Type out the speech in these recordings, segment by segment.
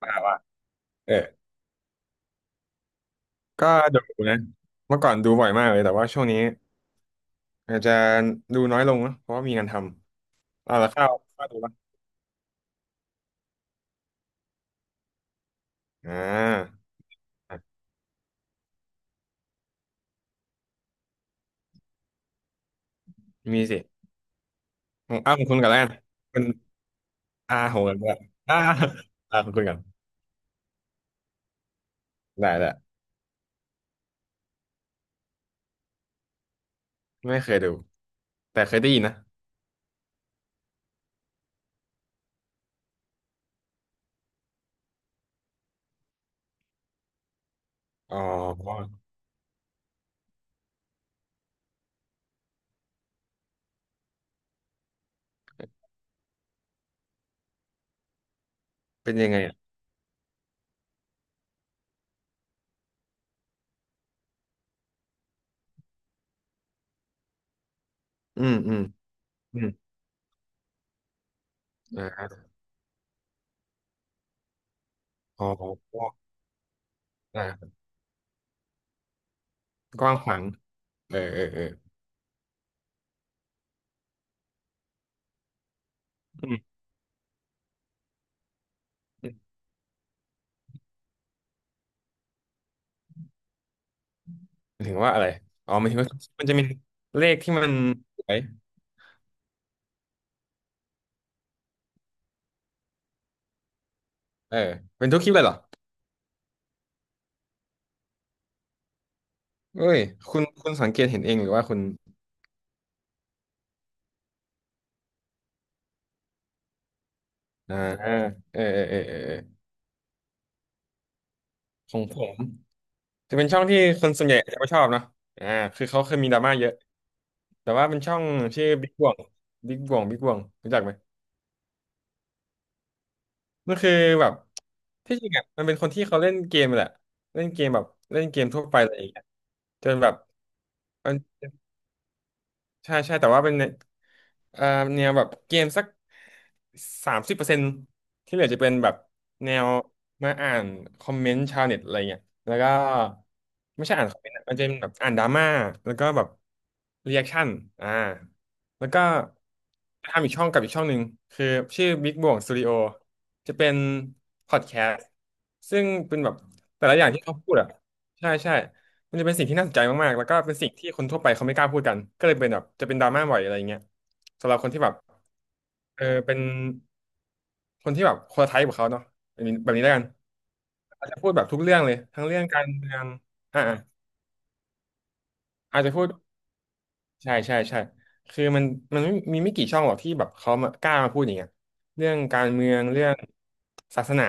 ว่าเออก็ดูนะเมื่อก่อนดูบ่อยมากเลยแต่ว่าช่วงนี้อาจจะดูน้อยลงนะเพราะว่ามีงานทำเอาละข้าวข้าวดูปะอ่าอ่ะมีสิของอ้าวของคุณกันแล้วกันคุณอาของกันด้วยอ่าอาของคุณกันได้ได้ไม่เคยดูแต่เคยได้ยินนะอ๋อเป็นยังไงอ่ะอืมอืมอืมอ่าอ๋ออ่ากว้างขวางเออเออเอออืมอืมหมายถึงว่าอะไรอ๋อหมายถึงว่ามันจะมีเลขที่มันสวย เออเป็นทุกคลิปเลยเหรอเอ้ยคุณสังเกตเห็นเองหรือว่าคุณอ่าเออเออเออเออเออของผมจะเป็นช่องที่คนส่วนใหญ่จะไม่ชอบเนาะอ่าคือเขาเคยมีดราม่าเยอะแต่ว่าเป็นช่องชื่อบิ๊กบ่วงบิ๊กบ่วงบิ๊กบ่วงรู้จักไหมมันคือแบบที่จริงอ่ะมันเป็นคนที่เขาเล่นเกมแหละเล่นเกมแบบเล่นเกมทั่วไปอะไรอย่างเงี้ยจนแบบ ใช่ใช่แต่ว่าเป็นเอ่อแนวแบบเกมสัก30%ที่เหลือจะเป็นแบบแนวมาอ่านคอมเมนต์ชาวเน็ตอะไรเงี้ยแล้วก็ไม่ใช่อ่านคอมเมนต์อะมันจะเป็นแบบอ่านดราม่าแล้วก็แบบรีแอคชั่นอ่าแล้วก็ทำอีกช่องกับอีกช่องหนึ่งคือชื่อ Big Bang Studio จะเป็นพอดแคสต์ซึ่งเป็นแบบแต่ละอย่างที่เขาพูดอ่ะใช่ใช่ มันจะเป็นสิ่งที่น่าสนใจมากๆ แล้วก็เป็นสิ่งที่คนทั่วไปเขาไม่กล้าพูดกันก็เลยเป็นแบบจะเป็นดราม่าบ่อยอะไรอย่างเงี้ยสำหรับคนที่แบบเออเป็นคนที่แบบคนละไทป์กับเขาเนาะแบบนี้แบบนี้แล้วกันอาจจะพูดแบบทุกเรื่องเลยทั้งเรื่องการเมืองอ่าอาจจะพูด ใช่ใช่ใช่คือมันไม่มีไม่กี่ช่องหรอกที่แบบเขามากล้ามาพูดอย่างเงี้ยเรื่องการเมืองเรื่องศาสนา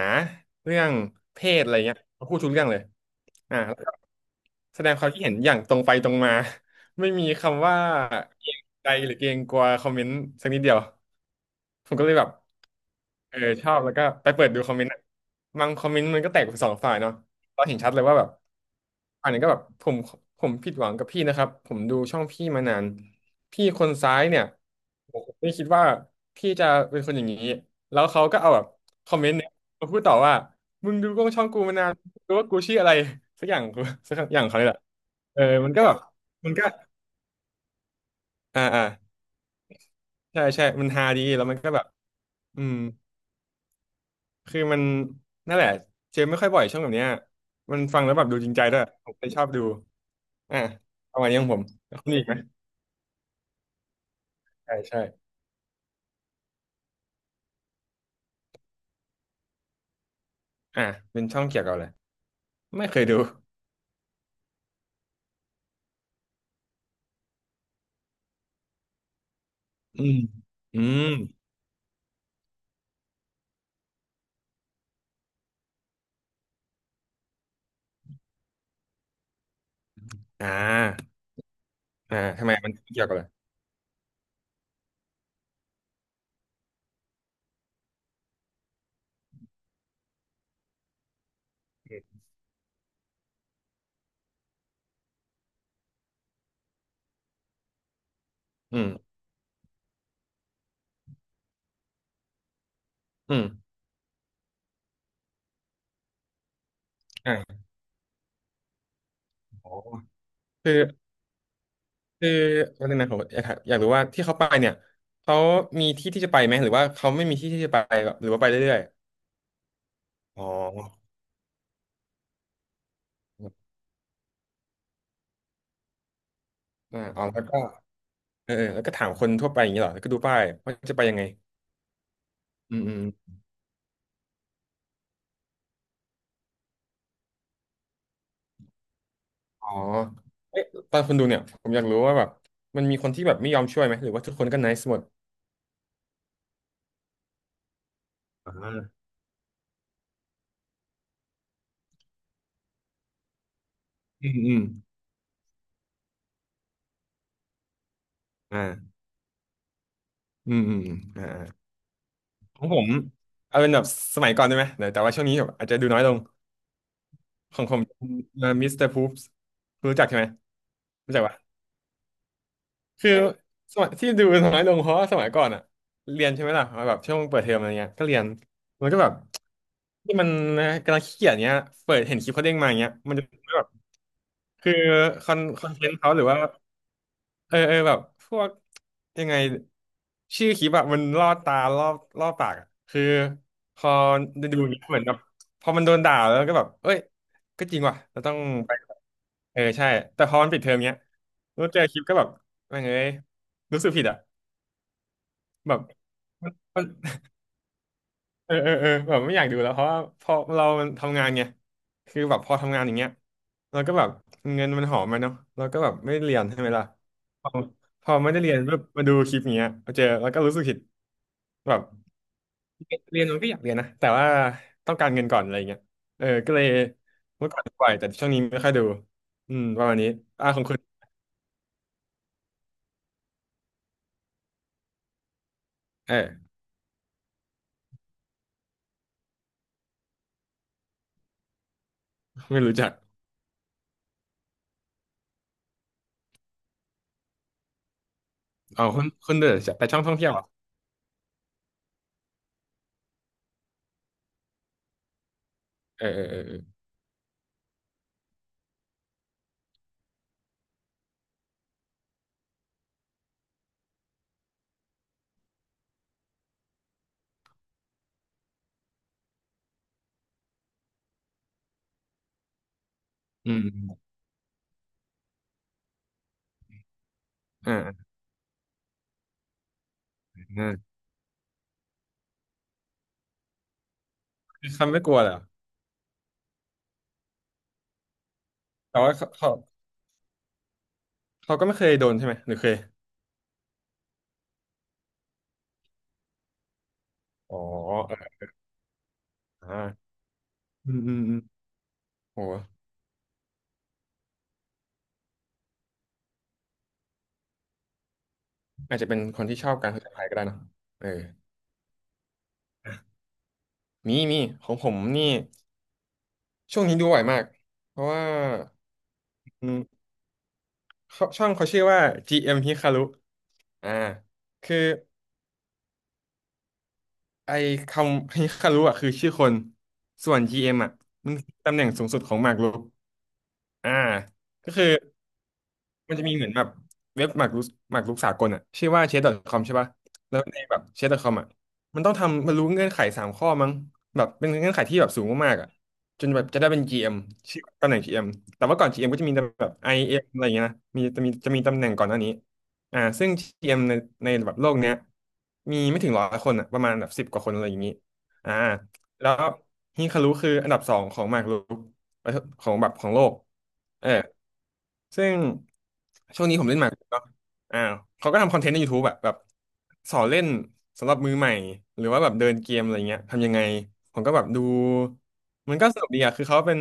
เรื่องเพศอะไรเงี้ยเขาพูดทุกเรื่องเลยอ่าแล้วก็แสดงความคิดเห็นอย่างตรงไปตรงมา ไม่มีคำว่าเกรงใจหรือเกรงกลัวคอมเมนต์สักนิดเดียวผมก็เลยแบบเออชอบแล้วก็ไปเปิดดูคอมเมนต์อะบางคอมเมนต์มันก็แตกเป็นสองฝ่ายเนาะ เราเห็นชัดเลยว่าแบบอันนี้ก็แบบผมผิดหวังกับพี่นะครับผมดูช่องพี่มานานพี่คนซ้ายเนี่ยผมไม่คิดว่าพี่จะเป็นคนอย่างนี้แล้วเขาก็เอาแบบคอมเมนต์เนี่ยมาพูดต่อว่ามึงดูกล้องช่องกูมานานรู้ว่ากูชื่ออะไรสักอย่างกูสักอย่างเขาเนยแหละเออมันก็แบบมันก็อ่าอ่าใช่ใช่มันฮาดีแล้วมันก็แบบอืมคือมันนั่นแหละเจอไม่ค่อยบ่อยช่องแบบเนี้ยมันฟังแล้วแบบดูจริงใจด้วยผมเลยชอบดู อ่ะประมาณนี้ของผมแล้วคุณมีอีกไหมใช่ใช่อ่ะเป็นช่องเกี่ยวกับอะไรไม่เคยดูอืมอืมอ่าอ่าทำไมมันเกี่ยวกับอะไรอืมอืมอ่าโอ้คือคือวันนึงนะผมอยากถามอยากรู้ว่าที่เขาไปเนี่ยเขามีที่ที่จะไปไหมหรือว่าเขาไม่มีที่ที่จะไปหรือว่าไปเรื่อยๆอ๋ออ่าอ๋อแล้วก็เออเออแล้วก็ถามคนทั่วไปอย่างนี้เหรอแล้วก็ดูป้ายว่าจะไปยังไงอืม อ๋อเอ๊ะตอนคุณดูเนี่ยผมอยากรู้ว่าแบบมันมีคนที่แบบไม่ยอมช่วยไหมหรือว่าทุกคนก็ n i c e หมดอ่าอืมอืมอ่าอืมอืมอ่าอ่าของผมเอาเป็นแบบสมัยก่อนได้ไหมเดี๋ยวแต่ว่าช่วงนี้แบบอาจจะดูน้อยลงของผมมิสเตอร์พูปส์รู้จักใช่ไหมรู้จักปะคือสมัยที่ดูน้อยลงเพราะว่าสมัยก่อนอะ เรียนใช่ไหมล่ะแบบช่วงเปิดเทอมอะไรเงี้ยก็เรียน มันก็แบบที่มันกำลังขี้เกียจเงี้ยเปิดเห็นคลิปเขาเด้งมาอย่างเงี้ยมันจะแบบคือคอนเทนต์เขาหรือว่า เออเออแบบพวกยังไงชื่อคลิปอะมันล่อตาล่อปากอะคือพอดูอย่างเงี้ยเหมือนแบบพอมันโดนด่าแล้วก็แบบเอ้ยก็จริงว่ะเราต้องไปเออใช่แต่พอมันปิดเทอมเงี้ยแล้วเจอคลิปก็แบบแม่งเอ้ยรู้สึกผิดอ่ะแบบมัน เออแบบไม่อยากดูแล้วเพราะว่าพอเรามันทำงานไงคือแบบพอทำงานอย่างเงี้ยเราก็แบบเงินมันหอมมาเนาะเราก็แบบไม่ได้เรียนใช่ไหมล่ะพอพอไม่ได้เรียนปุ๊บมาดูคลิปอย่างเงี้ยมาเจอแล้วก็รู้สึกผิดแบบก็อยากเรียนนะแต่ว่าต้องการเงินก่อนอะไรเงี้ยเออก็เลยเมื่อก่อนปล่อยแต่ช่วงนี้ไม่ค่อยดูอืมประมาณนี้อ่าของคุณเออไม่รู้จักอ๋อคุณเดอแต่ช่องท่องเที่ยวเหรอเอออืมอมอ่าอ่าคือเขาไม่กลัวเหรอแต่ว่าเขาเขาก็ไม่เคยโดนใช่ไหมหรือเคย อ๋ออ่าอืมอืมอืมโหอาจจะเป็นคนที่ชอบการผจญภัยก็ได้เนอะเออมีของผมนี่ช่วงนี้ดูบ่อยมาก เพราะว่าอืมเขาช่องเขาชื่อว่า GM Hikaru อ่าคือไอคำ Hikaru อ่ะคือชื่อคนส่วน GM อมอ่ะมันคือตำแหน่งสูงสุดของหมากรุกอ่าก็คือ มันจะมีเหมือนแบบเว็บหมากรุกสากลอ่ะชื่อว่า c h ดอท c o m ใช่ป่ะแล้วในแบบ chess.com อทคอมอ่ะมันต้องทำมัรู้เงื่อนไข3 ข้อมั้งแบบเป็นเงื่อนไขที่แบบสูงมากๆอ่ะจนแบบจะได้เป็น GM ชื่อตำแหน่ง GM แต่ว่าก่อน GM ก็จะมีแบบไอ m อมอะไรอย่างเงี้ยนะมีจะมีตำแหน่งก่อนหน้านี้อ่าซึ่ง GM ในแบบโลกเนี้ยมีไม่ถึง100 คนอ่ะประมาณแบบ10 กว่าคนอะไรอย่างงี้อ่าแล้วฮิคารุคืออันดับสองของหมากรุก ประเทศของแบบของโลกเออซึ่งช่วงนี้ผมเล่นหมากรุกเนาะอ่าเขาก็ทำคอนเทนต์ใน YouTube แบบสอนเล่นสำหรับมือใหม่หรือว่าแบบเดินเกมอะไรเงี้ยทำยังไงผมก็แบบดูมันก็สนุกดีอะคือเขาเป็น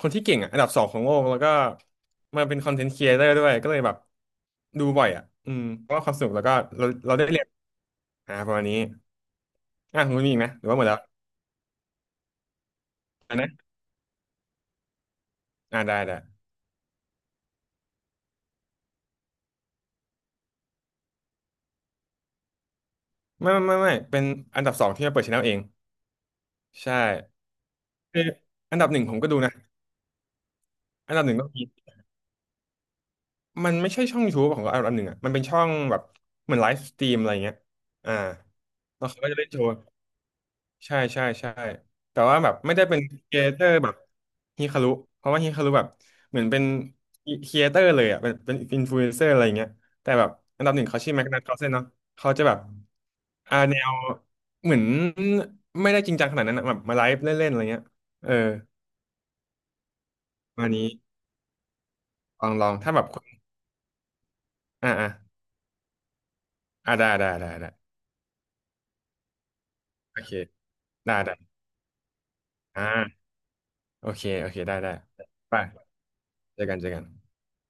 คนที่เก่งอะอันดับสองของโลกแล้วก็มาเป็นคอนเทนต์ครีเอเตอร์ด้วยก็เลยแบบดูบ่อยอะอืมเพราะว่าความสนุกแล้วก็เราได้เรียนอ่าประมาณนี้อ่ะคุณมีอีกไหมหรือว่าหมดแล้วอ่ะนะอ่าได้ได้ไม่เป็นอันดับสองที่มาเปิดช anel เอง ใช่คืออันดับหนึ่งผมก็ดูนะอันดับหนึ่งก็มีมันไม่ใช่ช่อง YouTube ของอันดับหนึ่งอ่ะมันเป็นช่องแบบเหมือนไลฟ์สตรีมอะไรเงี้ยอ่าแล้วเขาก็จะเล่นโชว์ใช่แต่ว่าแบบไม่ได้เป็นครีเอเตอร์แบบฮิคารุเพราะว่าฮิคารุแบบเหมือนเป็นครีเอเตอร์เลยอ่ะเป็นอินฟลูเอนเซอร์อะไรเงี้ยแต่แบบอันดับหนึ่งเขาชื่อแม็กนัทคาร์ลเซนเนาะเขาจะแบบอ่าแนวเหมือนไม่ได้จริงจังขนาดนั้นอะแบบมาไลฟ์เล่นๆอะไรเงี้ยเออวันนี้ลองถ้าแบบ อ่าอ่าอ่าได้โอเคได้อ่าโอเคได้ไปเจอกัน